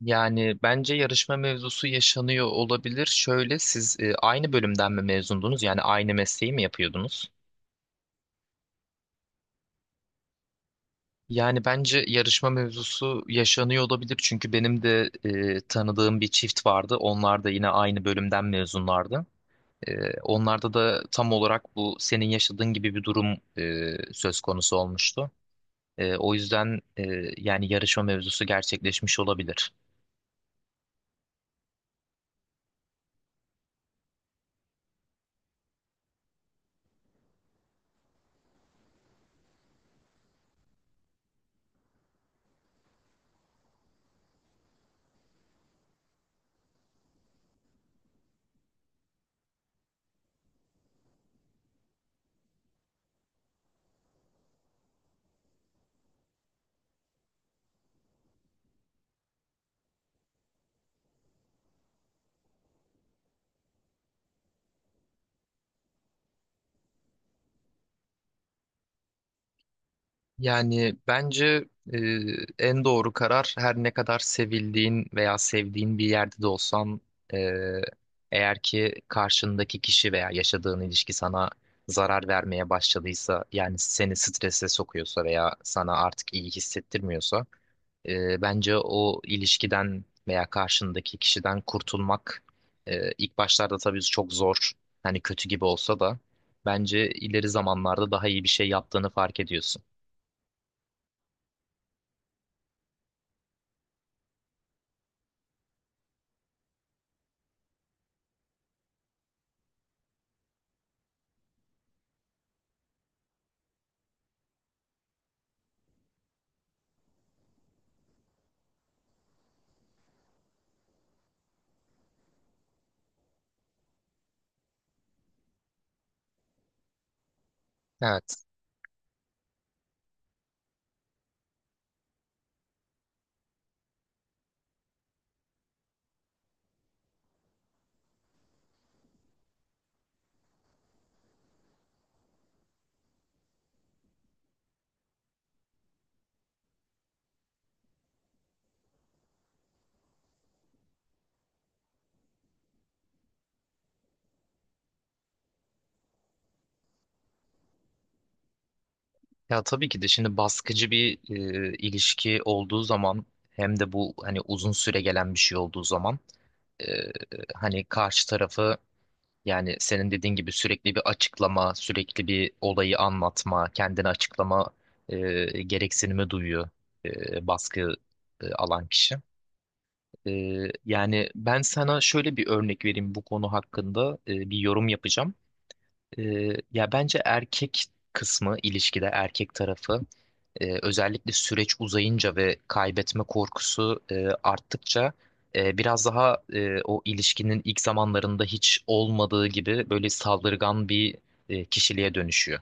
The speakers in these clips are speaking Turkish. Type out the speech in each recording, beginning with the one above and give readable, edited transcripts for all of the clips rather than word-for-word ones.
Yani bence yarışma mevzusu yaşanıyor olabilir. Şöyle siz aynı bölümden mi mezundunuz? Yani aynı mesleği mi yapıyordunuz? Yani bence yarışma mevzusu yaşanıyor olabilir. Çünkü benim de tanıdığım bir çift vardı. Onlar da yine aynı bölümden mezunlardı. Onlarda da tam olarak bu senin yaşadığın gibi bir durum söz konusu olmuştu. E, o yüzden e, Yani yarışma mevzusu gerçekleşmiş olabilir. Yani bence e, en doğru karar her ne kadar sevildiğin veya sevdiğin bir yerde de olsan, e, eğer ki karşındaki kişi veya yaşadığın ilişki sana zarar vermeye başladıysa, yani seni strese sokuyorsa veya sana artık iyi hissettirmiyorsa, bence o ilişkiden veya karşındaki kişiden kurtulmak, ilk başlarda tabii çok zor, hani kötü gibi olsa da bence ileri zamanlarda daha iyi bir şey yaptığını fark ediyorsun. Evet. Ya tabii ki de şimdi baskıcı bir ilişki olduğu zaman, hem de bu hani uzun süre gelen bir şey olduğu zaman, e, hani karşı tarafı, yani senin dediğin gibi sürekli bir açıklama, sürekli bir olayı anlatma, kendini açıklama gereksinimi duyuyor baskı alan kişi. E, Yani ben sana şöyle bir örnek vereyim, bu konu hakkında bir yorum yapacağım. E, Ya bence erkek kısmı, ilişkide erkek tarafı. Özellikle süreç uzayınca ve kaybetme korkusu arttıkça, biraz daha o ilişkinin ilk zamanlarında hiç olmadığı gibi böyle saldırgan bir kişiliğe dönüşüyor.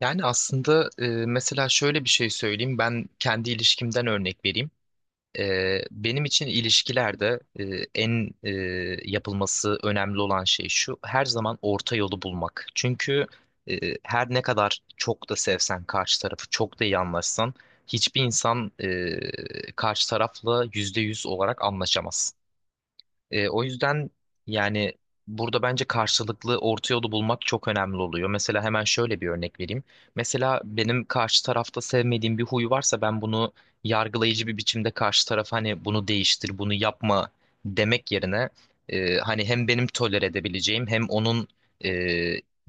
Yani aslında mesela şöyle bir şey söyleyeyim. Ben kendi ilişkimden örnek vereyim. Benim için ilişkilerde en e, yapılması önemli olan şey şu: her zaman orta yolu bulmak. Çünkü her ne kadar çok da sevsen karşı tarafı, çok da iyi anlaşsan, hiçbir insan karşı tarafla yüzde yüz olarak anlaşamaz. O yüzden yani burada bence karşılıklı orta yolu bulmak çok önemli oluyor. Mesela hemen şöyle bir örnek vereyim. Mesela benim karşı tarafta sevmediğim bir huy varsa, ben bunu yargılayıcı bir biçimde karşı tarafa hani "bunu değiştir, bunu yapma" demek yerine, hani hem benim tolere edebileceğim hem onun e,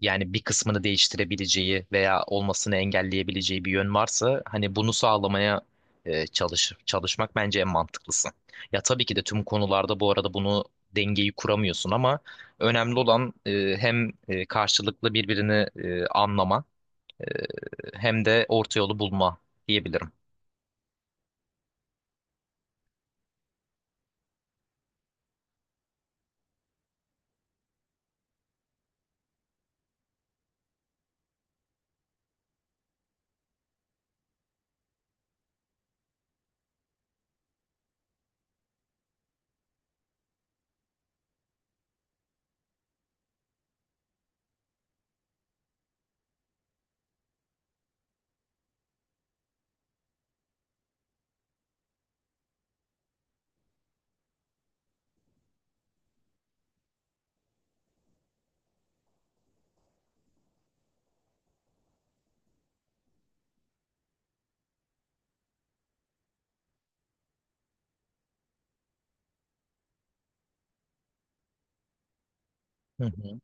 yani bir kısmını değiştirebileceği veya olmasını engelleyebileceği bir yön varsa hani bunu sağlamaya çalışmak bence en mantıklısı. Ya tabii ki de tüm konularda bu arada bunu, dengeyi kuramıyorsun ama önemli olan hem karşılıklı birbirini anlama, e, hem de orta yolu bulma diyebilirim. Hı hı.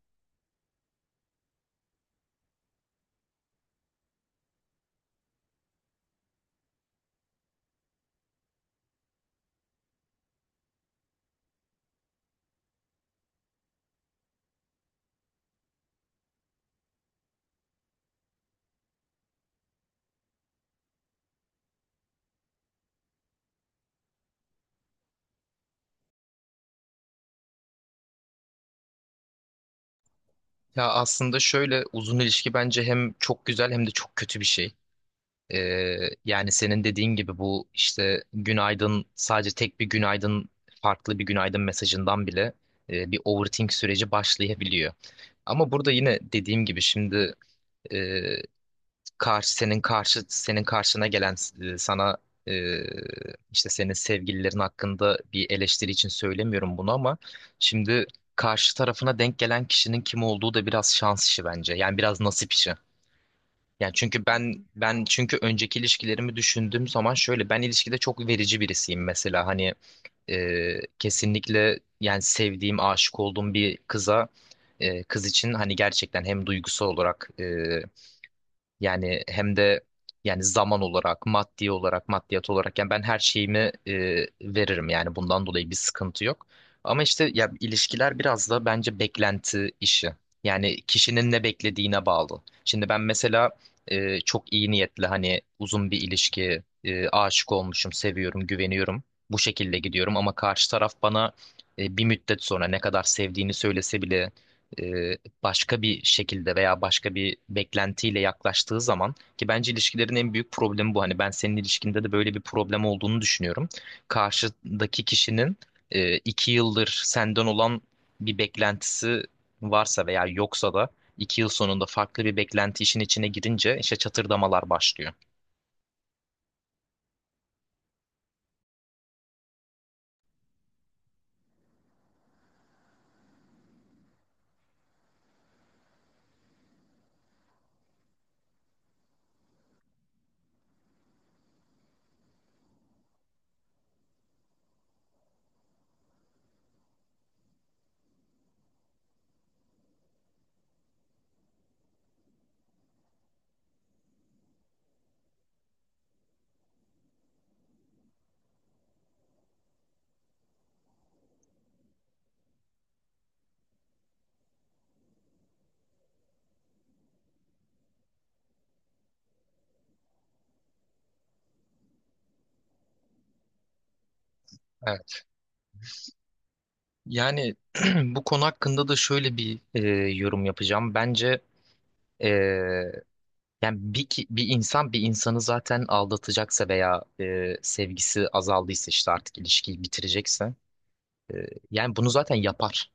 Ya aslında şöyle, uzun ilişki bence hem çok güzel hem de çok kötü bir şey. E, Yani senin dediğin gibi bu, işte günaydın, sadece tek bir günaydın, farklı bir günaydın mesajından bile bir overthink süreci başlayabiliyor. Ama burada yine dediğim gibi şimdi, e, karşı senin karşı senin karşına gelen, sana e, işte senin sevgililerin hakkında bir eleştiri için söylemiyorum bunu ama, şimdi karşı tarafına denk gelen kişinin kim olduğu da biraz şans işi bence. Yani biraz nasip işi. Yani çünkü ben ben çünkü önceki ilişkilerimi düşündüğüm zaman şöyle, ben ilişkide çok verici birisiyim mesela. Hani e, kesinlikle, yani sevdiğim, aşık olduğum bir kıza, kız için hani gerçekten hem duygusal olarak yani hem de yani zaman olarak, maddi olarak, maddiyat olarak, yani ben her şeyimi veririm, yani bundan dolayı bir sıkıntı yok. Ama işte ya, ilişkiler biraz da bence beklenti işi. Yani kişinin ne beklediğine bağlı. Şimdi ben mesela çok iyi niyetli, hani uzun bir ilişki, aşık olmuşum, seviyorum, güveniyorum. Bu şekilde gidiyorum ama karşı taraf bana bir müddet sonra ne kadar sevdiğini söylese bile e, başka bir şekilde veya başka bir beklentiyle yaklaştığı zaman, ki bence ilişkilerin en büyük problemi bu. Hani ben senin ilişkinde de böyle bir problem olduğunu düşünüyorum. Karşıdaki kişinin iki yıldır senden olan bir beklentisi varsa, veya yoksa da iki yıl sonunda farklı bir beklenti işin içine girince, işte çatırdamalar başlıyor. Evet. Yani bu konu hakkında da şöyle bir yorum yapacağım. Bence e, bir insan bir insanı zaten aldatacaksa veya sevgisi azaldıysa, işte artık ilişkiyi bitirecekse, e, yani bunu zaten yapar.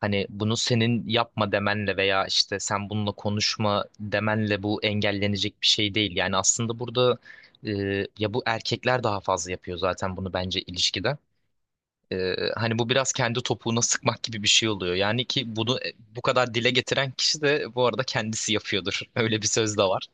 Hani bunu senin "yapma" demenle veya işte "sen bununla konuşma" demenle bu engellenecek bir şey değil. Yani aslında burada e, ya, bu erkekler daha fazla yapıyor zaten bunu bence ilişkide. Hani bu biraz kendi topuğuna sıkmak gibi bir şey oluyor. Yani ki bunu bu kadar dile getiren kişi de bu arada kendisi yapıyordur. Öyle bir söz de var.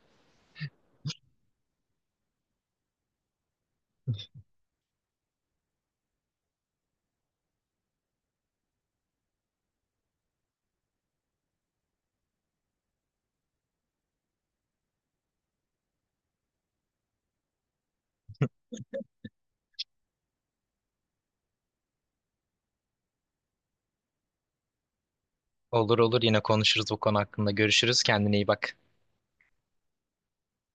Olur olur, yine konuşuruz bu konu hakkında. Görüşürüz. Kendine iyi bak.